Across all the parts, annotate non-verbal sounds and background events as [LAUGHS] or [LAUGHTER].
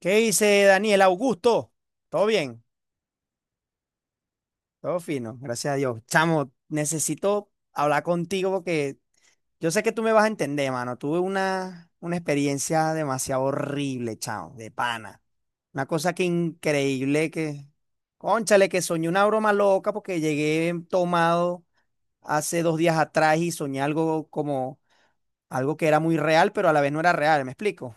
¿Qué dice Daniel Augusto? Todo bien, todo fino, gracias a Dios. Chamo, necesito hablar contigo porque yo sé que tú me vas a entender, mano. Tuve una experiencia demasiado horrible, chamo, de pana. Una cosa que increíble que, cónchale, que soñé una broma loca porque llegué tomado hace 2 días atrás y soñé algo como, algo que era muy real, pero a la vez no era real, ¿me explico?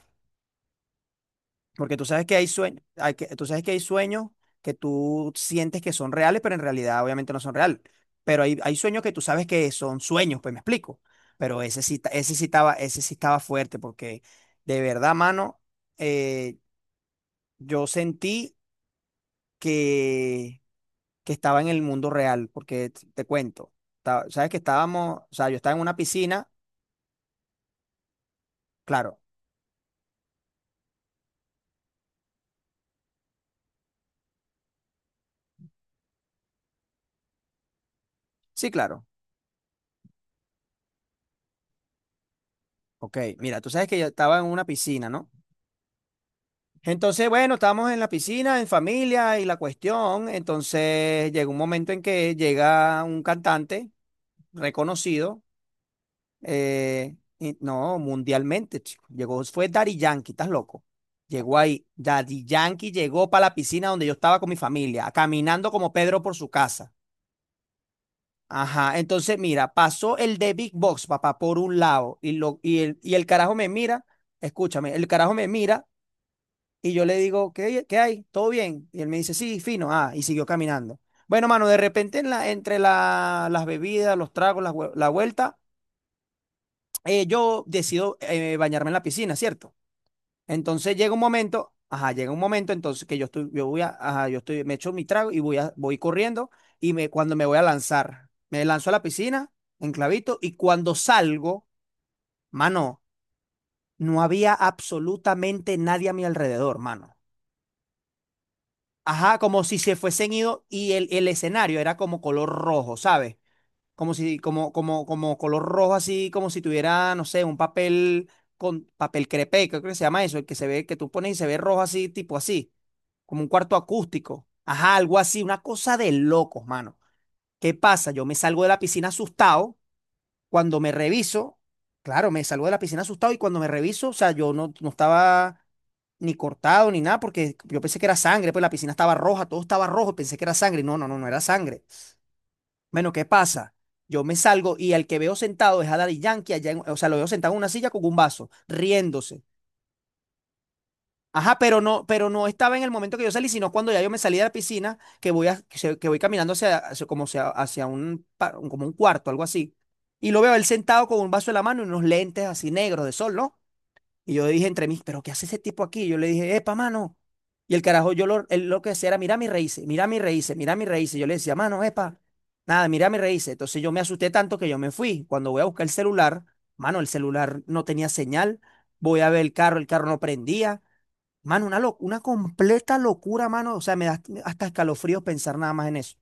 Porque tú sabes que hay sueños, tú sabes que hay sueños que tú sientes que son reales, pero en realidad obviamente no son reales. Pero hay sueños que tú sabes que son sueños, pues me explico. Pero ese sí estaba fuerte, porque de verdad, mano, eh, yo sentí que, que estaba en el mundo real, porque te cuento, sabes que estábamos, o sea, yo estaba en una piscina, claro, sí, claro, ok, mira, tú sabes que yo estaba en una piscina, ¿no? Entonces, bueno, estábamos en la piscina, en familia y la cuestión. Entonces llegó un momento en que llega un cantante reconocido, no, mundialmente, chico. Llegó, fue Daddy Yankee, ¿estás loco? Llegó ahí. Daddy Yankee llegó para la piscina donde yo estaba con mi familia, caminando como Pedro por su casa. Ajá, entonces mira, pasó el de Big Box, papá, por un lado, y el carajo me mira, escúchame, el carajo me mira. Y yo le digo, ¿qué, qué hay? ¿Todo bien? Y él me dice, sí, fino. Ah, y siguió caminando. Bueno, mano, de repente en la, entre las bebidas, los tragos, la vuelta, yo decido bañarme en la piscina, ¿cierto? Entonces llega un momento, ajá, llega un momento entonces que yo estoy, me echo mi trago y voy corriendo y cuando me voy a lanzar, me lanzo a la piscina, enclavito, y cuando salgo, mano, no había absolutamente nadie a mi alrededor, mano. Ajá, como si se fuesen ido y el escenario era como color rojo, ¿sabes? Como color rojo, así como si tuviera, no sé, un papel con papel crepé, creo que se llama eso, el que se ve, que tú pones y se ve rojo así, tipo así, como un cuarto acústico. Ajá, algo así, una cosa de locos, mano. ¿Qué pasa? Yo me salgo de la piscina asustado, cuando me reviso, claro, me salgo de la piscina asustado y cuando me reviso, o sea, yo no estaba ni cortado ni nada, porque yo pensé que era sangre, pues la piscina estaba roja, todo estaba rojo, pensé que era sangre. No, no, no, no era sangre. Bueno, ¿qué pasa? Yo me salgo y al que veo sentado es a Daddy Yankee, o sea, lo veo sentado en una silla con un vaso, riéndose. Ajá, pero no estaba en el momento que yo salí, sino cuando ya yo me salí de la piscina, que voy, a- que, se- que voy caminando hacia un, como un cuarto, algo así. Y lo veo él sentado con un vaso en la mano y unos lentes así negros de sol, ¿no? Y yo dije entre mí, ¿pero qué hace ese tipo aquí? Yo le dije, epa, mano. Y el carajo, él lo que hacía era, mira mis raíces, mira mis raíces, mira mis raíces. Yo le decía, mano, epa, nada, mira mis raíces. Entonces yo me asusté tanto que yo me fui. Cuando voy a buscar el celular, mano, el celular no tenía señal. Voy a ver el carro no prendía. Mano, una completa locura, mano. O sea, me da hasta escalofríos pensar nada más en eso.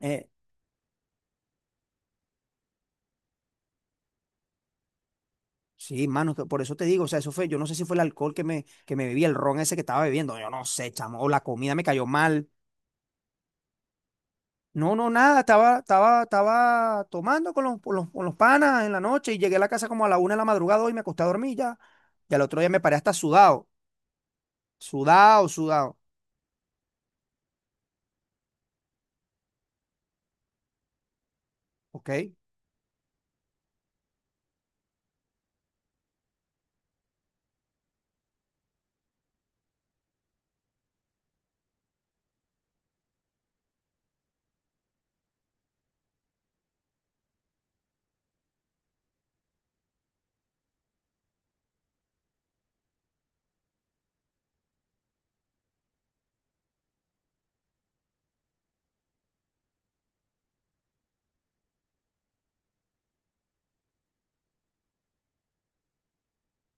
Eh, sí, mano, que por eso te digo, o sea, eso fue, yo no sé si fue el alcohol que que me bebí, el ron ese que estaba bebiendo, yo no sé, chamo, o la comida me cayó mal. No, no, nada, estaba tomando con los panas en la noche y llegué a la casa como a la 1 de la madrugada y me acosté a dormir ya. Y al otro día me paré hasta sudado, sudado, sudado, ¿ok?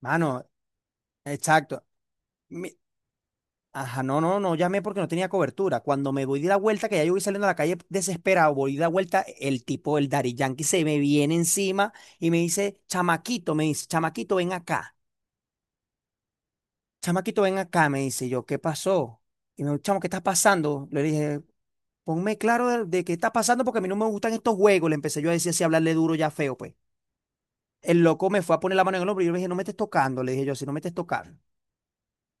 Mano, exacto. Mi- Ajá, no, no, no llamé porque no tenía cobertura. Cuando me voy de la vuelta, que ya yo voy saliendo a la calle desesperado, voy de la vuelta, el tipo, el Daddy Yankee, se me viene encima y me dice, chamaquito, ven acá, me dice. Yo, ¿qué pasó? Y me dijo, chamo, ¿qué está pasando? Le dije, ponme claro de qué está pasando porque a mí no me gustan estos juegos. Le empecé yo a decir así, a hablarle duro ya feo, pues. El loco me fue a poner la mano en el hombro y yo le dije, no me estés tocando. Le dije yo, si no me estés tocando.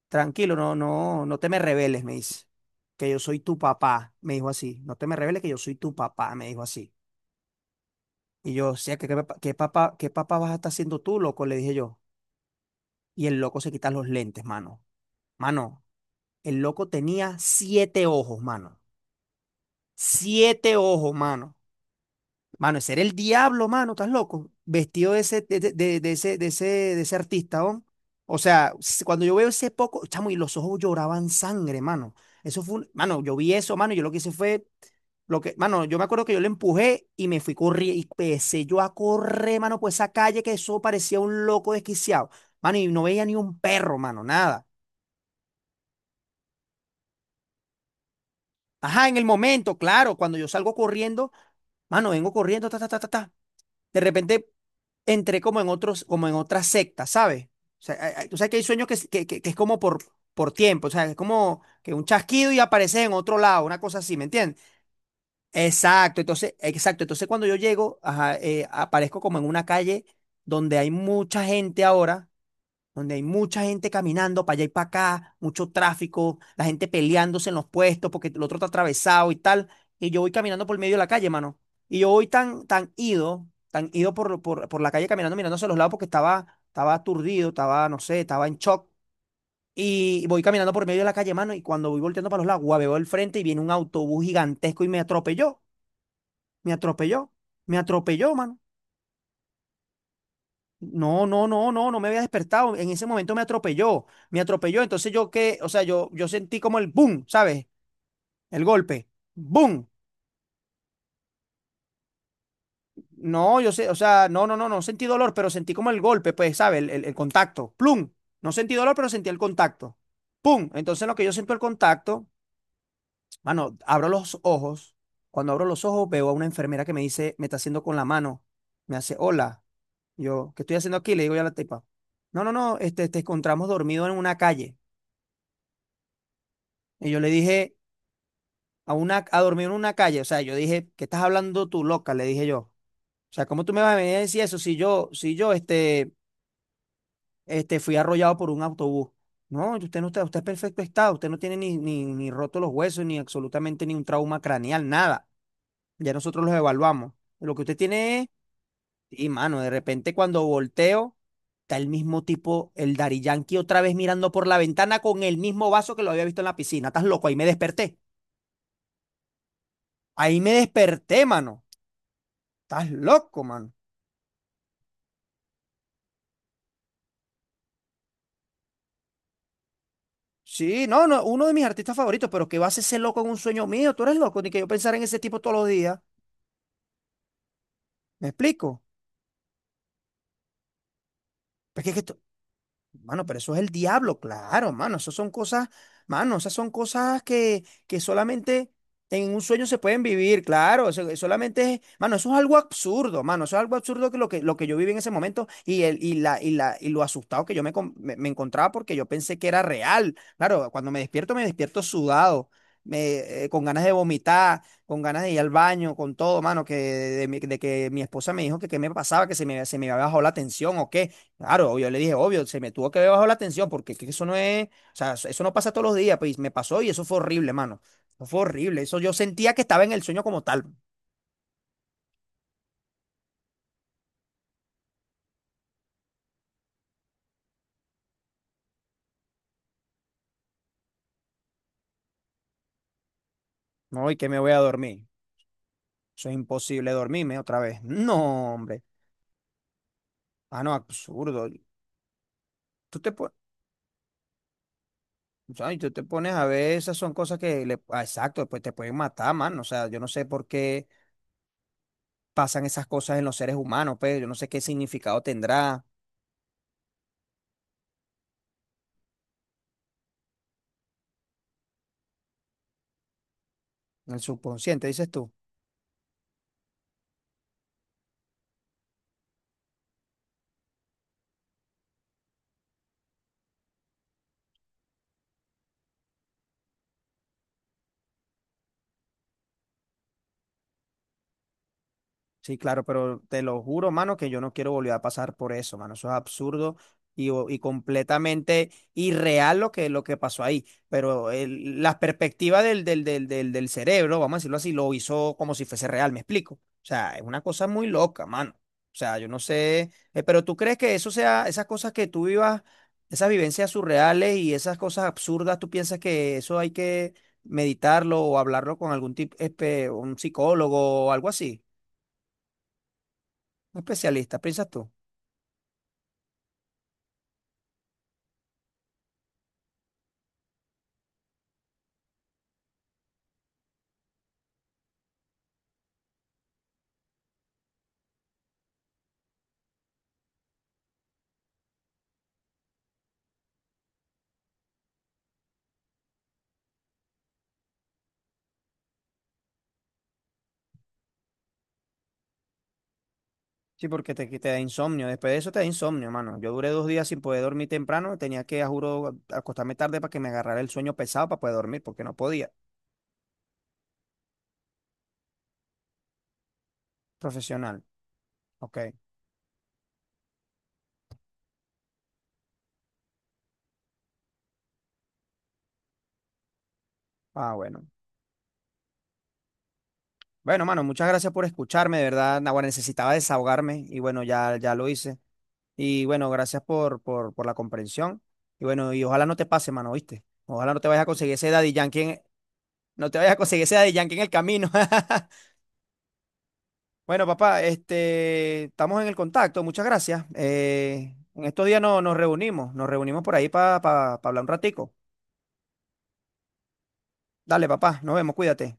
Tranquilo, no, no, no te me rebeles, me dice. Que yo soy tu papá, me dijo así. No te me rebeles que yo soy tu papá, me dijo así. Y yo, o sea, ¿qué, qué, qué papá vas a estar haciendo tú, loco? Le dije yo. Y el loco se quita los lentes, mano. Mano, el loco tenía siete ojos, mano. Siete ojos, mano. Mano, ese era el diablo, mano, estás loco. Vestido de ese, de ese, de ese, de ese artista, ¿oh? O sea, cuando yo veo ese poco, chamo, y los ojos lloraban sangre, mano. Eso fue mano, yo vi eso, mano, y yo lo que hice fue, mano, yo me acuerdo que yo le empujé y me fui corriendo, y empecé yo a correr, mano, por esa calle que eso parecía un loco desquiciado. Mano, y no veía ni un perro, mano, nada. Ajá, en el momento, claro, cuando yo salgo corriendo, mano, vengo corriendo, ta, ta, ta, ta, ta. De repente entré como en otros, como en otras sectas, ¿sabes? O sea, tú sabes que hay sueños que, que es como por tiempo, o sea, es como que un chasquido y apareces en otro lado, una cosa así, ¿me entiendes? Exacto, entonces cuando yo llego, ajá, aparezco como en una calle donde hay mucha gente ahora, donde hay mucha gente caminando para allá y para acá, mucho tráfico, la gente peleándose en los puestos porque el otro está atravesado y tal, y yo voy caminando por el medio de la calle, mano. Y yo voy tan, tan ido por la calle caminando, mirándose a los lados porque estaba, estaba aturdido, estaba, no sé, estaba en shock. Y voy caminando por medio de la calle, mano, y cuando voy volteando para los lados, guau, veo el frente y viene un autobús gigantesco y me atropelló, me atropelló, me atropelló, mano. No, no, no, no, no me había despertado. En ese momento me atropelló, me atropelló. Entonces yo qué, o sea, yo sentí como el boom, ¿sabes? El golpe, boom. No, yo sé, o sea, no, no, no, no sentí dolor, pero sentí como el golpe, pues, ¿sabes? El contacto, plum. No sentí dolor, pero sentí el contacto, pum. Entonces lo que yo siento el contacto, mano, abro los ojos. Cuando abro los ojos veo a una enfermera que me dice, me está haciendo con la mano, me hace, hola. Yo, ¿qué estoy haciendo aquí? Le digo yo a la tipa. No, no, no, este, te encontramos dormido en una calle. Y yo le dije, a dormir en una calle. O sea, yo dije, ¿qué estás hablando tú, loca? Le dije yo. O sea, ¿cómo tú me vas a venir a decir eso si yo, si yo, este, fui arrollado por un autobús? No, usted no está, usted es perfecto estado, usted no tiene ni, ni, ni roto los huesos, ni absolutamente ni un trauma craneal, nada. Ya nosotros los evaluamos. Lo que usted tiene es, y mano, de repente cuando volteo, está el mismo tipo, el Dari Yankee, otra vez mirando por la ventana con el mismo vaso que lo había visto en la piscina. ¿Estás loco? Ahí me desperté. Ahí me desperté, mano. Estás loco, man. Sí, no, no, uno de mis artistas favoritos, pero que va a ser ese loco en un sueño mío? Tú eres loco, ni que yo pensara en ese tipo todos los días. ¿Me explico? Es que, es que esto- Mano, pero eso es el diablo, claro, mano. Esas son cosas, mano, esas son cosas que solamente en un sueño se pueden vivir, claro. Eso solamente es, mano, eso es algo absurdo, mano. Eso es algo absurdo, lo que yo viví en ese momento y, el, y, la, y, la, y lo asustado que yo me encontraba porque yo pensé que era real. Claro, cuando me despierto sudado, con ganas de vomitar, con ganas de ir al baño, con todo, mano, que de que mi esposa me dijo que qué me pasaba, que se me había bajado la tensión o qué. Claro, obvio, le dije, obvio, se me tuvo que haber bajado la tensión porque es que eso no es, o sea, eso no pasa todos los días, pues y me pasó y eso fue horrible, mano. Eso fue horrible, eso yo sentía que estaba en el sueño como tal. No, y que me voy a dormir. Eso es imposible dormirme otra vez. No, hombre. Ah, no, absurdo. Tú te, pon- o sea, y tú te pones a ver, esas son cosas que le, ah, exacto, después te pueden matar, mano. O sea, yo no sé por qué pasan esas cosas en los seres humanos, pues yo no sé qué significado tendrá en el subconsciente, dices tú. Sí, claro, pero te lo juro, mano, que yo no quiero volver a pasar por eso, mano. Eso es absurdo y, y completamente irreal lo que pasó ahí. Pero la perspectiva del cerebro, vamos a decirlo así, lo hizo como si fuese real, ¿me explico? O sea, es una cosa muy loca, mano. O sea, yo no sé, pero ¿tú crees que eso sea, esas cosas que tú vivas, esas vivencias surreales y esas cosas absurdas, tú piensas que eso hay que meditarlo o hablarlo con algún tipo, un psicólogo o algo así? Un especialista, piensas tú. Sí, porque te da insomnio. Después de eso te da insomnio, mano. Yo duré 2 días sin poder dormir temprano. Tenía que, a juro, acostarme tarde para que me agarrara el sueño pesado para poder dormir, porque no podía. Profesional. Ok. Ah, bueno. Bueno, mano, muchas gracias por escucharme, de verdad. Naguará, necesitaba desahogarme y bueno, ya, ya lo hice. Y bueno, gracias por la comprensión. Y bueno, y ojalá no te pase, mano, ¿viste? Ojalá no te vayas a conseguir ese no te vayas a conseguir ese Daddy Yankee en el camino. [LAUGHS] Bueno, papá, este, estamos en el contacto, muchas gracias. En estos días no, nos reunimos por ahí para hablar un ratico. Dale, papá, nos vemos, cuídate.